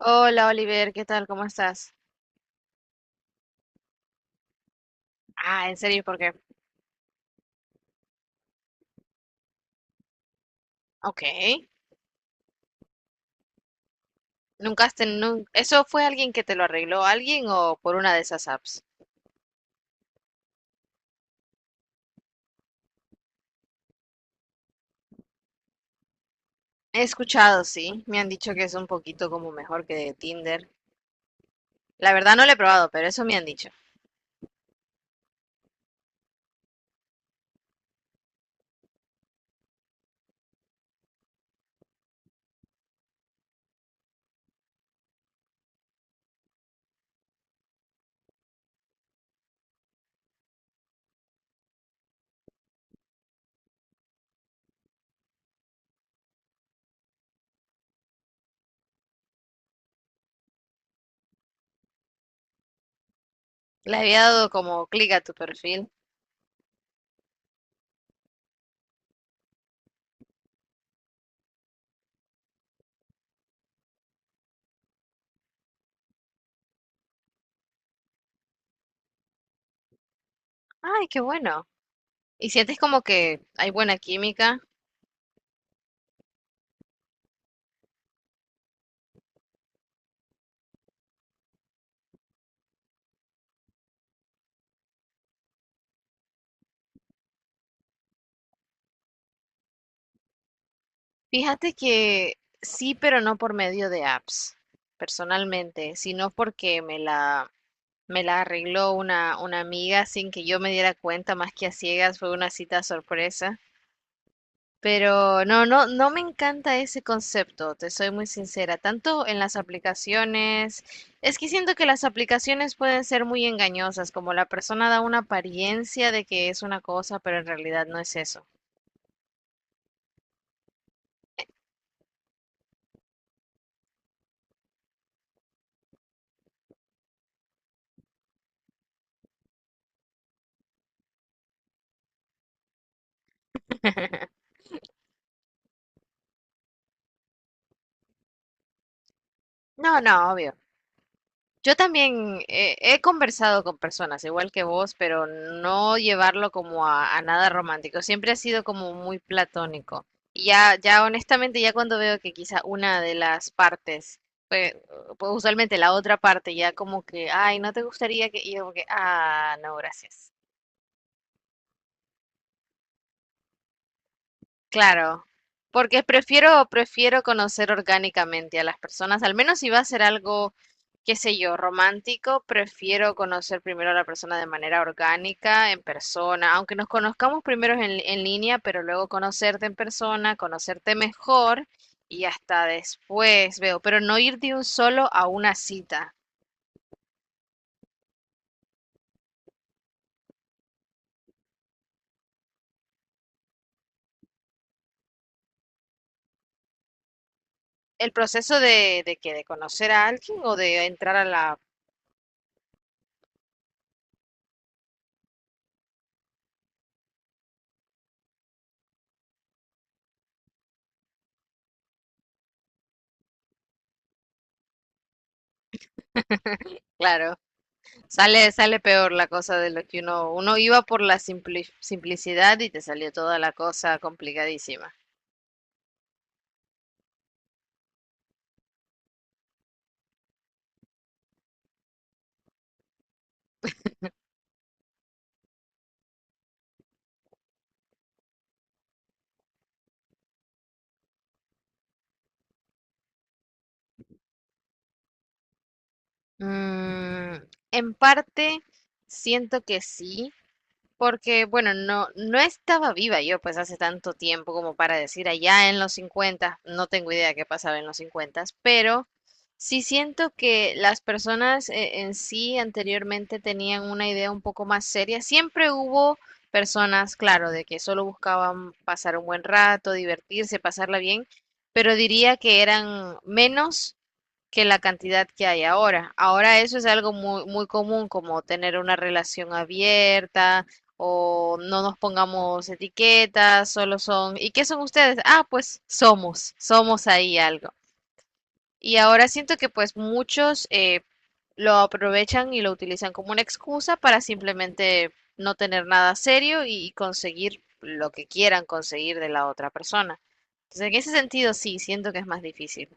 Hola Oliver, ¿qué tal? ¿Cómo estás? Ah, ¿en serio? Porque, ok. Nunca has tenido... ¿Eso fue alguien que te lo arregló alguien o por una de esas apps? He escuchado, sí. Me han dicho que es un poquito como mejor que Tinder. La verdad no lo he probado, pero eso me han dicho. Le había dado como clic a tu perfil. Ay, qué bueno. Y sientes como que hay buena química. Fíjate que sí, pero no por medio de apps, personalmente, sino porque me la... Me la arregló una amiga sin que yo me diera cuenta, más que a ciegas, fue una cita sorpresa. Pero no, no, no me encanta ese concepto, te soy muy sincera, tanto en las aplicaciones, es que siento que las aplicaciones pueden ser muy engañosas, como la persona da una apariencia de que es una cosa, pero en realidad no es eso. No, no, obvio. Yo también he conversado con personas igual que vos, pero no llevarlo como a nada romántico. Siempre ha sido como muy platónico. Y ya, ya honestamente, ya cuando veo que quizá una de las partes, pues, pues usualmente la otra parte, ya como que, ay, no te gustaría que, y yo como que, ah, no, gracias. Claro, porque prefiero, prefiero conocer orgánicamente a las personas, al menos si va a ser algo, qué sé yo, romántico, prefiero conocer primero a la persona de manera orgánica, en persona, aunque nos conozcamos primero en línea, pero luego conocerte en persona, conocerte mejor y hasta después veo, pero no ir de un solo a una cita. El proceso de que de conocer a alguien o de entrar a la, claro. Sale, sale peor la cosa de lo que uno iba por la simplicidad y te salió toda la cosa complicadísima. Mm, en parte, siento que sí. Porque, bueno, no, no estaba viva yo pues hace tanto tiempo como para decir allá en los 50. No tengo idea qué pasaba en los 50, pero sí siento que las personas en sí anteriormente tenían una idea un poco más seria. Siempre hubo personas, claro, de que solo buscaban pasar un buen rato, divertirse, pasarla bien, pero diría que eran menos que la cantidad que hay ahora. Ahora eso es algo muy, muy común, como tener una relación abierta o no nos pongamos etiquetas, solo son, ¿y qué son ustedes? Ah, pues somos, somos ahí algo. Y ahora siento que pues muchos lo aprovechan y lo utilizan como una excusa para simplemente no tener nada serio y conseguir lo que quieran conseguir de la otra persona. Entonces, en ese sentido, sí, siento que es más difícil.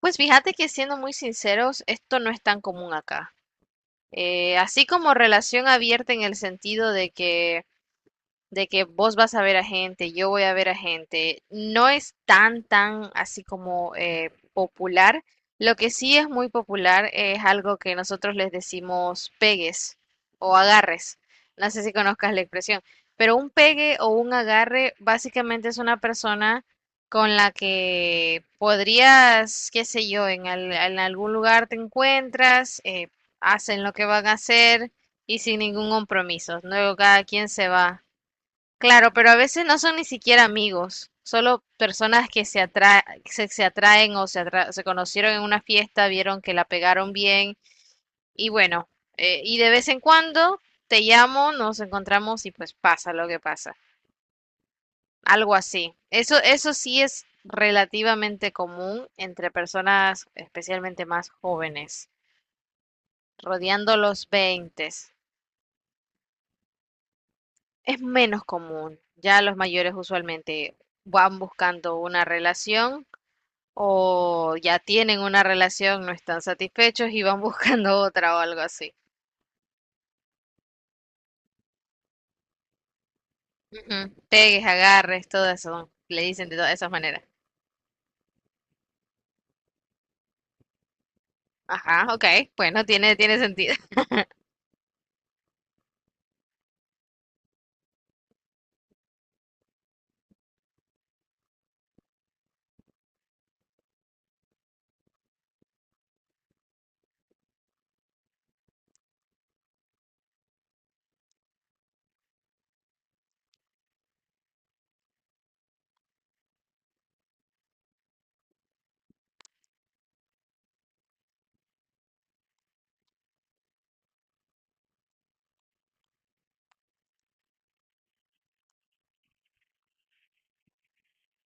Pues fíjate que siendo muy sinceros, esto no es tan común acá. Así como relación abierta en el sentido de que vos vas a ver a gente, yo voy a ver a gente, no es tan, tan así como popular. Lo que sí es muy popular es algo que nosotros les decimos pegues o agarres. No sé si conozcas la expresión, pero un pegue o un agarre básicamente es una persona con la que podrías, qué sé yo, en, en algún lugar te encuentras, hacen lo que van a hacer y sin ningún compromiso. Luego cada quien se va. Claro, pero a veces no son ni siquiera amigos, solo personas que se atraen o se conocieron en una fiesta, vieron que la pegaron bien y bueno, y de vez en cuando te llamo, nos encontramos y pues pasa lo que pasa, algo así. Eso sí es relativamente común entre personas especialmente más jóvenes, rodeando los 20. Es menos común, ya los mayores usualmente van buscando una relación. O ya tienen una relación, no están satisfechos y van buscando otra o algo así. Ujú. Pegues, agarres, todo eso. Le dicen de todas esas maneras. Ajá, ok. Bueno, tiene, tiene sentido.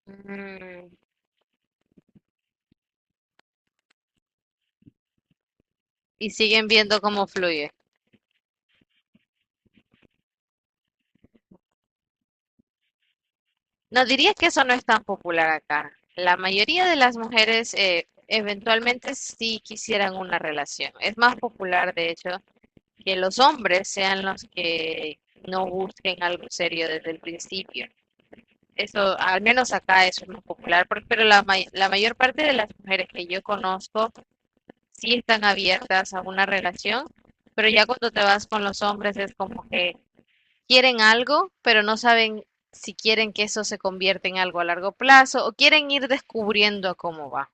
Mm. Y siguen viendo cómo fluye. No dirías que eso no es tan popular acá. La mayoría de las mujeres eventualmente sí quisieran una relación. Es más popular, de hecho, que los hombres sean los que no busquen algo serio desde el principio. Eso, al menos acá eso es más popular, pero la, may la mayor parte de las mujeres que yo conozco sí están abiertas a una relación, pero ya cuando te vas con los hombres es como que quieren algo, pero no saben si quieren que eso se convierta en algo a largo plazo o quieren ir descubriendo cómo va.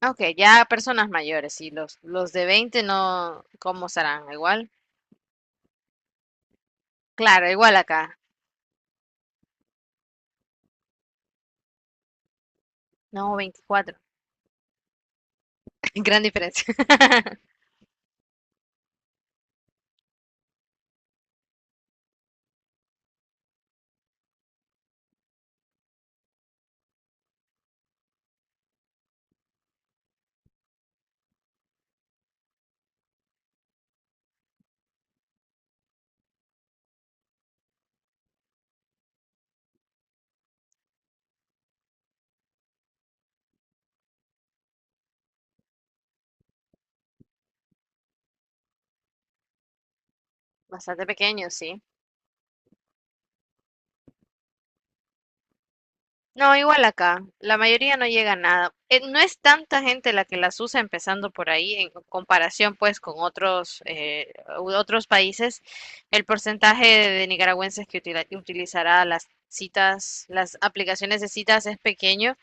Ok, ya personas mayores y los de 20 no, ¿cómo serán? Igual. Claro, igual acá. No, 24. Gran diferencia. Bastante pequeño, sí. No, igual acá, la mayoría no llega a nada. No es tanta gente la que las usa empezando por ahí, en comparación pues con otros, otros países. El porcentaje de nicaragüenses que utilizará las citas, las aplicaciones de citas es pequeño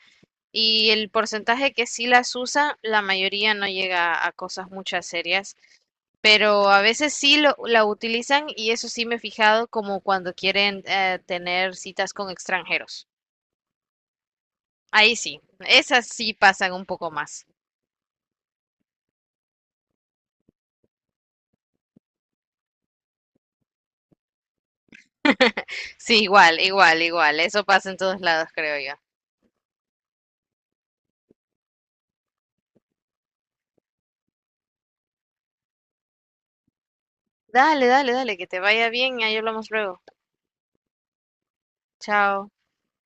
y el porcentaje que sí las usa, la mayoría no llega a cosas muchas serias. Pero a veces sí lo, la utilizan y eso sí me he fijado como cuando quieren tener citas con extranjeros. Ahí sí, esas sí pasan un poco más. Sí, igual, igual, igual. Eso pasa en todos lados, creo yo. Dale, dale, dale, que te vaya bien y ahí hablamos luego. Chao.